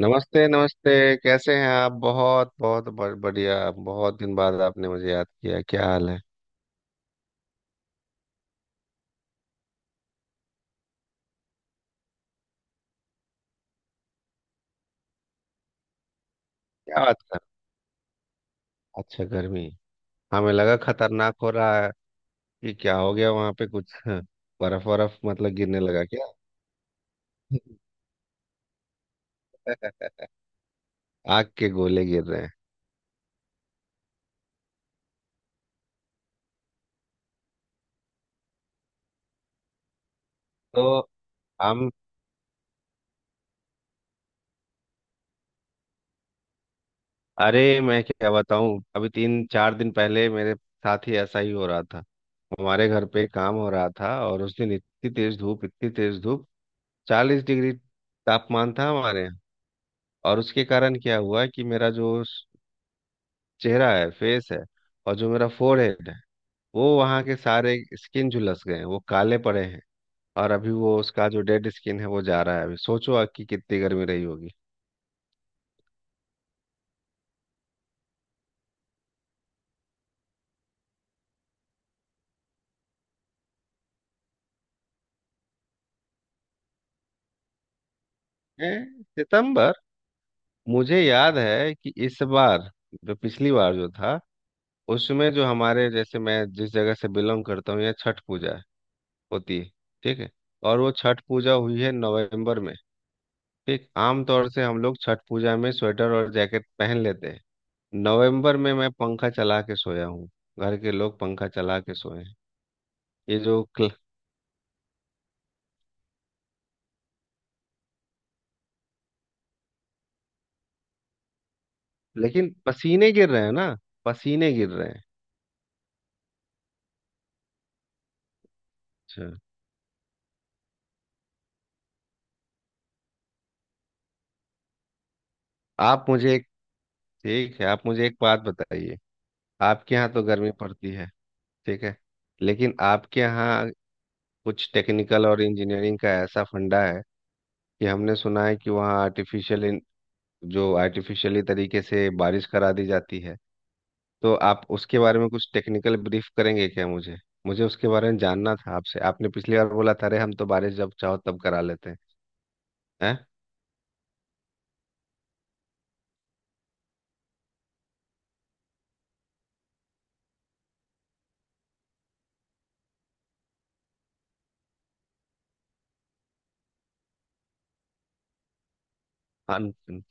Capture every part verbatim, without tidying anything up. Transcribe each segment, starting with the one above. नमस्ते नमस्ते। कैसे हैं आप? बहुत बहुत ब- बढ़िया। बहुत दिन बाद आपने मुझे याद किया। क्या हाल है? क्या बात कर। अच्छा, गर्मी? हमें लगा खतरनाक हो रहा है कि क्या हो गया वहां पे, कुछ बर्फ बर्फ मतलब गिरने लगा क्या? आग के गोले गिर रहे हैं। तो हम, अरे मैं क्या बताऊं, अभी तीन चार दिन पहले मेरे साथ ही ऐसा ही हो रहा था। हमारे घर पे काम हो रहा था और उस दिन इतनी तेज धूप, इतनी तेज धूप, चालीस डिग्री तापमान था हमारे। और उसके कारण क्या हुआ कि मेरा जो स- चेहरा है, फेस है, और जो मेरा फोरहेड है, वो वहाँ के सारे स्किन झुलस गए हैं, वो काले पड़े हैं। और अभी वो उसका जो डेड स्किन है वो जा रहा है। अभी सोचो आप कि कितनी गर्मी रही होगी। हैं? सितंबर? मुझे याद है कि इस बार, जो पिछली बार जो था, उसमें जो हमारे जैसे, मैं जिस जगह से बिलोंग करता हूँ, यहाँ छठ पूजा होती है। ठीक है। और वो छठ पूजा हुई है नवंबर में। ठीक, आमतौर से हम लोग छठ पूजा में स्वेटर और जैकेट पहन लेते हैं। नवंबर में मैं पंखा चला के सोया हूँ, घर के लोग पंखा चला के सोए हैं। ये जो क्ल... लेकिन पसीने गिर रहे हैं ना, पसीने गिर रहे हैं। अच्छा, आप मुझे एक, ठीक है, आप मुझे एक बात बताइए, आपके यहाँ तो गर्मी पड़ती है, ठीक है, लेकिन आपके यहाँ कुछ टेक्निकल और इंजीनियरिंग का ऐसा फंडा है कि हमने सुना है कि वहाँ आर्टिफिशियल, जो आर्टिफिशियली तरीके से बारिश करा दी जाती है। तो आप उसके बारे में कुछ टेक्निकल ब्रीफ करेंगे क्या मुझे? मुझे उसके बारे में जानना था आपसे। आपने पिछली बार बोला था, अरे हम तो बारिश जब चाहो तब करा लेते हैं। हैं? हाँ, न-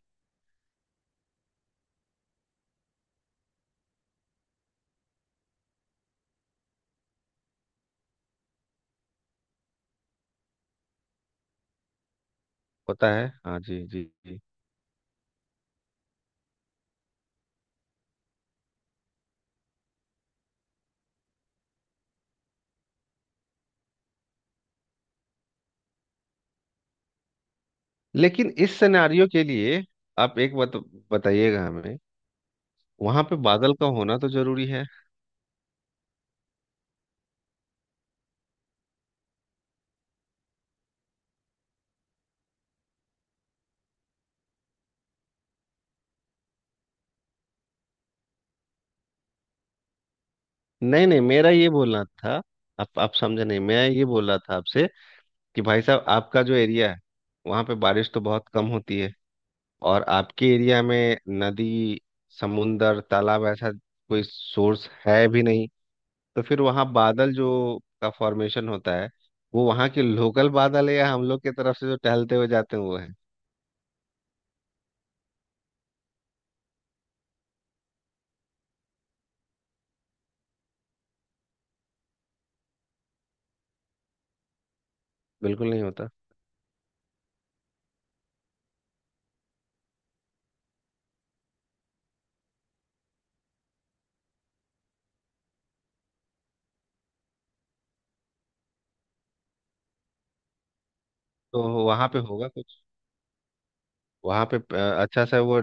होता है, हाँ जी जी जी। लेकिन इस सिनेरियो के लिए आप एक बात बताइएगा हमें, वहां पे बादल का होना तो जरूरी है। नहीं नहीं, मेरा ये बोलना था, आप आप समझे नहीं। मैं ये बोल रहा था आपसे कि भाई साहब, आपका जो एरिया है वहां पे बारिश तो बहुत कम होती है। और आपके एरिया में नदी, समुंदर, तालाब ऐसा कोई सोर्स है भी नहीं। तो फिर वहाँ बादल जो का फॉर्मेशन होता है, वो वहाँ के लोकल बादल है या हम लोग की तरफ से जो टहलते हुए जाते हैं वो है? बिल्कुल नहीं होता। तो वहाँ पे होगा कुछ, वहाँ पे अ, अच्छा सा वो।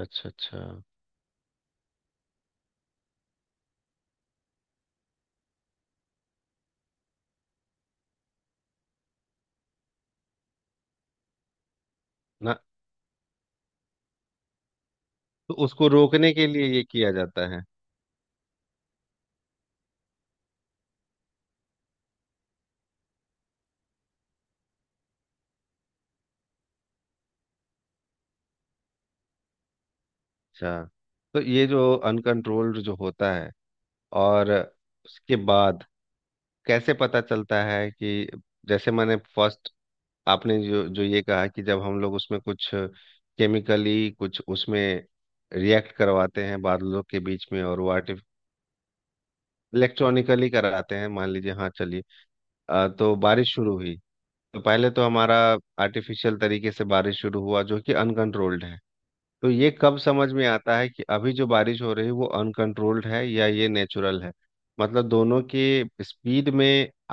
अच्छा अच्छा। ना, तो उसको रोकने के लिए ये किया जाता है। अच्छा, तो ये जो अनकंट्रोल्ड जो होता है, और उसके बाद कैसे पता चलता है कि, जैसे मैंने फर्स्ट, आपने जो जो ये कहा कि जब हम लोग उसमें कुछ केमिकली कुछ उसमें रिएक्ट करवाते हैं बादलों के बीच में, और वो आर्टिफ, इलेक्ट्रॉनिकली कराते हैं मान लीजिए, हाँ चलिए। अ, तो बारिश शुरू हुई। तो पहले तो हमारा आर्टिफिशियल तरीके से बारिश शुरू हुआ जो कि अनकंट्रोल्ड है। तो ये कब समझ में आता है कि अभी जो बारिश हो रही है वो अनकंट्रोल्ड है या ये नेचुरल है? मतलब दोनों के स्पीड में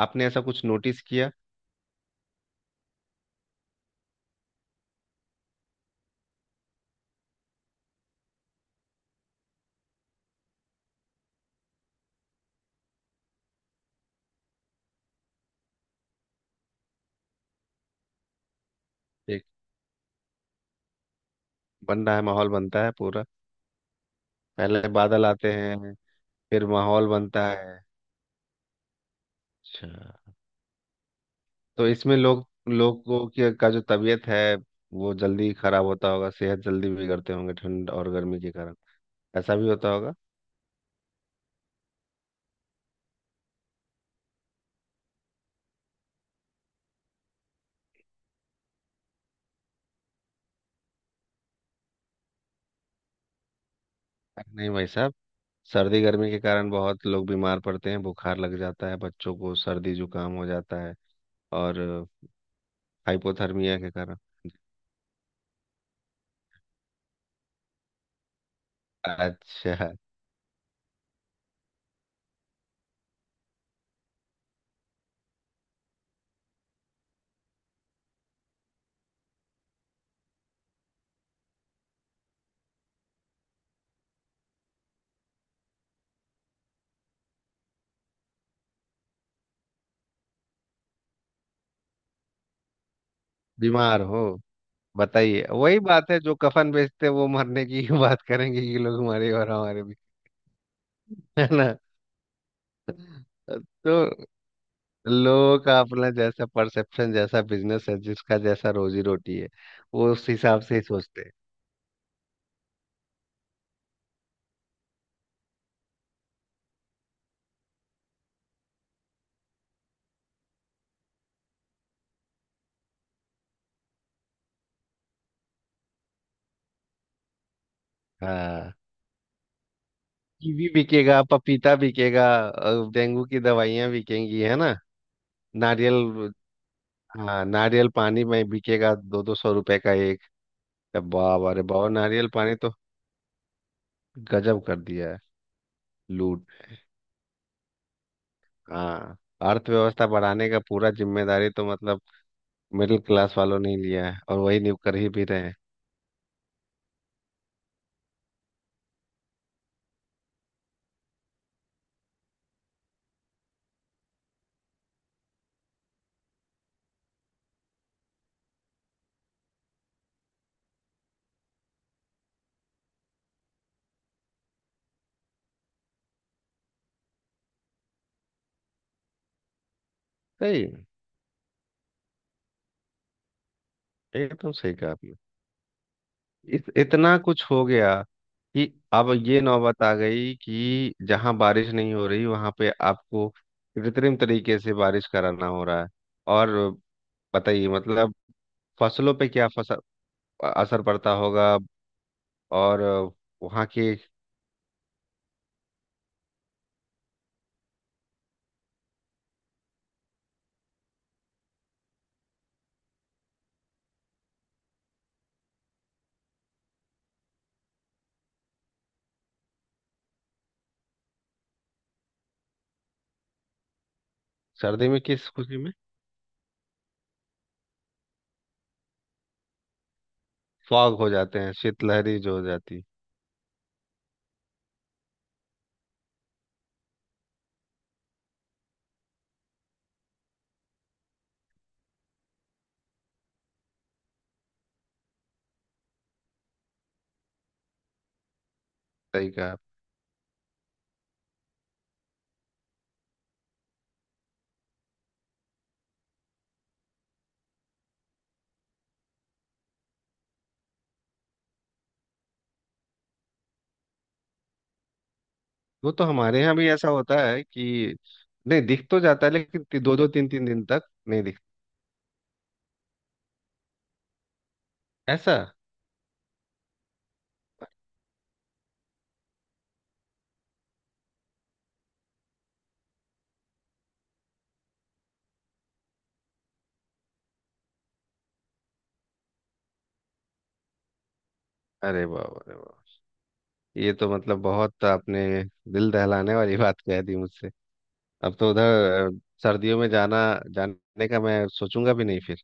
आपने ऐसा कुछ नोटिस किया? एक, बन रहा है, माहौल बनता है पूरा। पहले बादल आते हैं, फिर माहौल बनता है। अच्छा, तो इसमें लोग लोगों की का जो तबीयत है वो जल्दी खराब होता होगा, सेहत जल्दी बिगड़ते होंगे ठंड और गर्मी के कारण। ऐसा भी होता होगा? अरे नहीं भाई साहब, सर्दी गर्मी के कारण बहुत लोग बीमार पड़ते हैं, बुखार लग जाता है, बच्चों को सर्दी जुकाम हो जाता है। और हाइपोथर्मिया के कारण। अच्छा। बीमार हो, बताइए, वही बात है जो कफन बेचते हैं वो मरने की ही बात करेंगे। ये लोग हमारे, और हमारे भी, है ना? तो लोग का अपना जैसा परसेप्शन, जैसा बिजनेस है, जिसका जैसा रोजी रोटी है, वो उस हिसाब से ही सोचते हैं। हाँ। कीवी बिकेगा, पपीता बिकेगा, अ, डेंगू की दवाइयाँ बिकेंगी, है ना। नारियल। हाँ, नारियल पानी में बिकेगा, दो दो सौ रुपए का एक। तब बाप, अरे बाप, नारियल पानी तो गजब कर दिया है। लूट। हाँ। अर्थव्यवस्था बढ़ाने का पूरा जिम्मेदारी तो मतलब मिडिल क्लास वालों ने ही लिया है, और वही न्यू कर ही भी रहे हैं। सही है, एकदम सही कहा आपने। इत, इतना कुछ हो गया कि अब ये नौबत आ गई कि जहां बारिश नहीं हो रही वहां पे आपको कृत्रिम तरीके से बारिश कराना हो रहा है। और बताइए मतलब फसलों पे क्या फस, असर पड़ता होगा। और वहां के। सर्दी में किस खुशी में? फॉग हो जाते हैं, शीतलहरी जो हो जाती है। सही कहा आप। वो तो हमारे यहाँ भी ऐसा होता है कि नहीं, दिख तो जाता है लेकिन दो दो तीन तीन दिन तक नहीं दिखता। ऐसा? अरे वाह, अरे वाह। ये तो मतलब बहुत आपने दिल दहलाने वाली बात कह दी मुझसे। अब तो उधर अ, सर्दियों में जाना, जाने का मैं सोचूंगा भी नहीं फिर।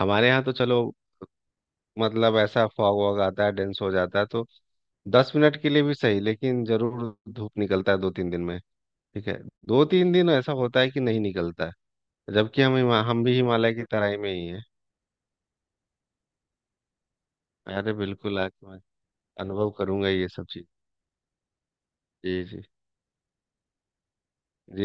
हमारे यहाँ तो चलो, मतलब ऐसा फॉग वॉग आता है, डेंस हो जाता है, तो दस मिनट के लिए भी सही लेकिन जरूर धूप निकलता है दो तीन दिन में। ठीक है। दो तीन दिन ऐसा होता है कि नहीं निकलता है, जबकि हम हिमा- हम भी हिमालय की तराई में ही हैं। अरे बिल्कुल, आके मैं अनुभव करूंगा ये सब चीज। जी जी।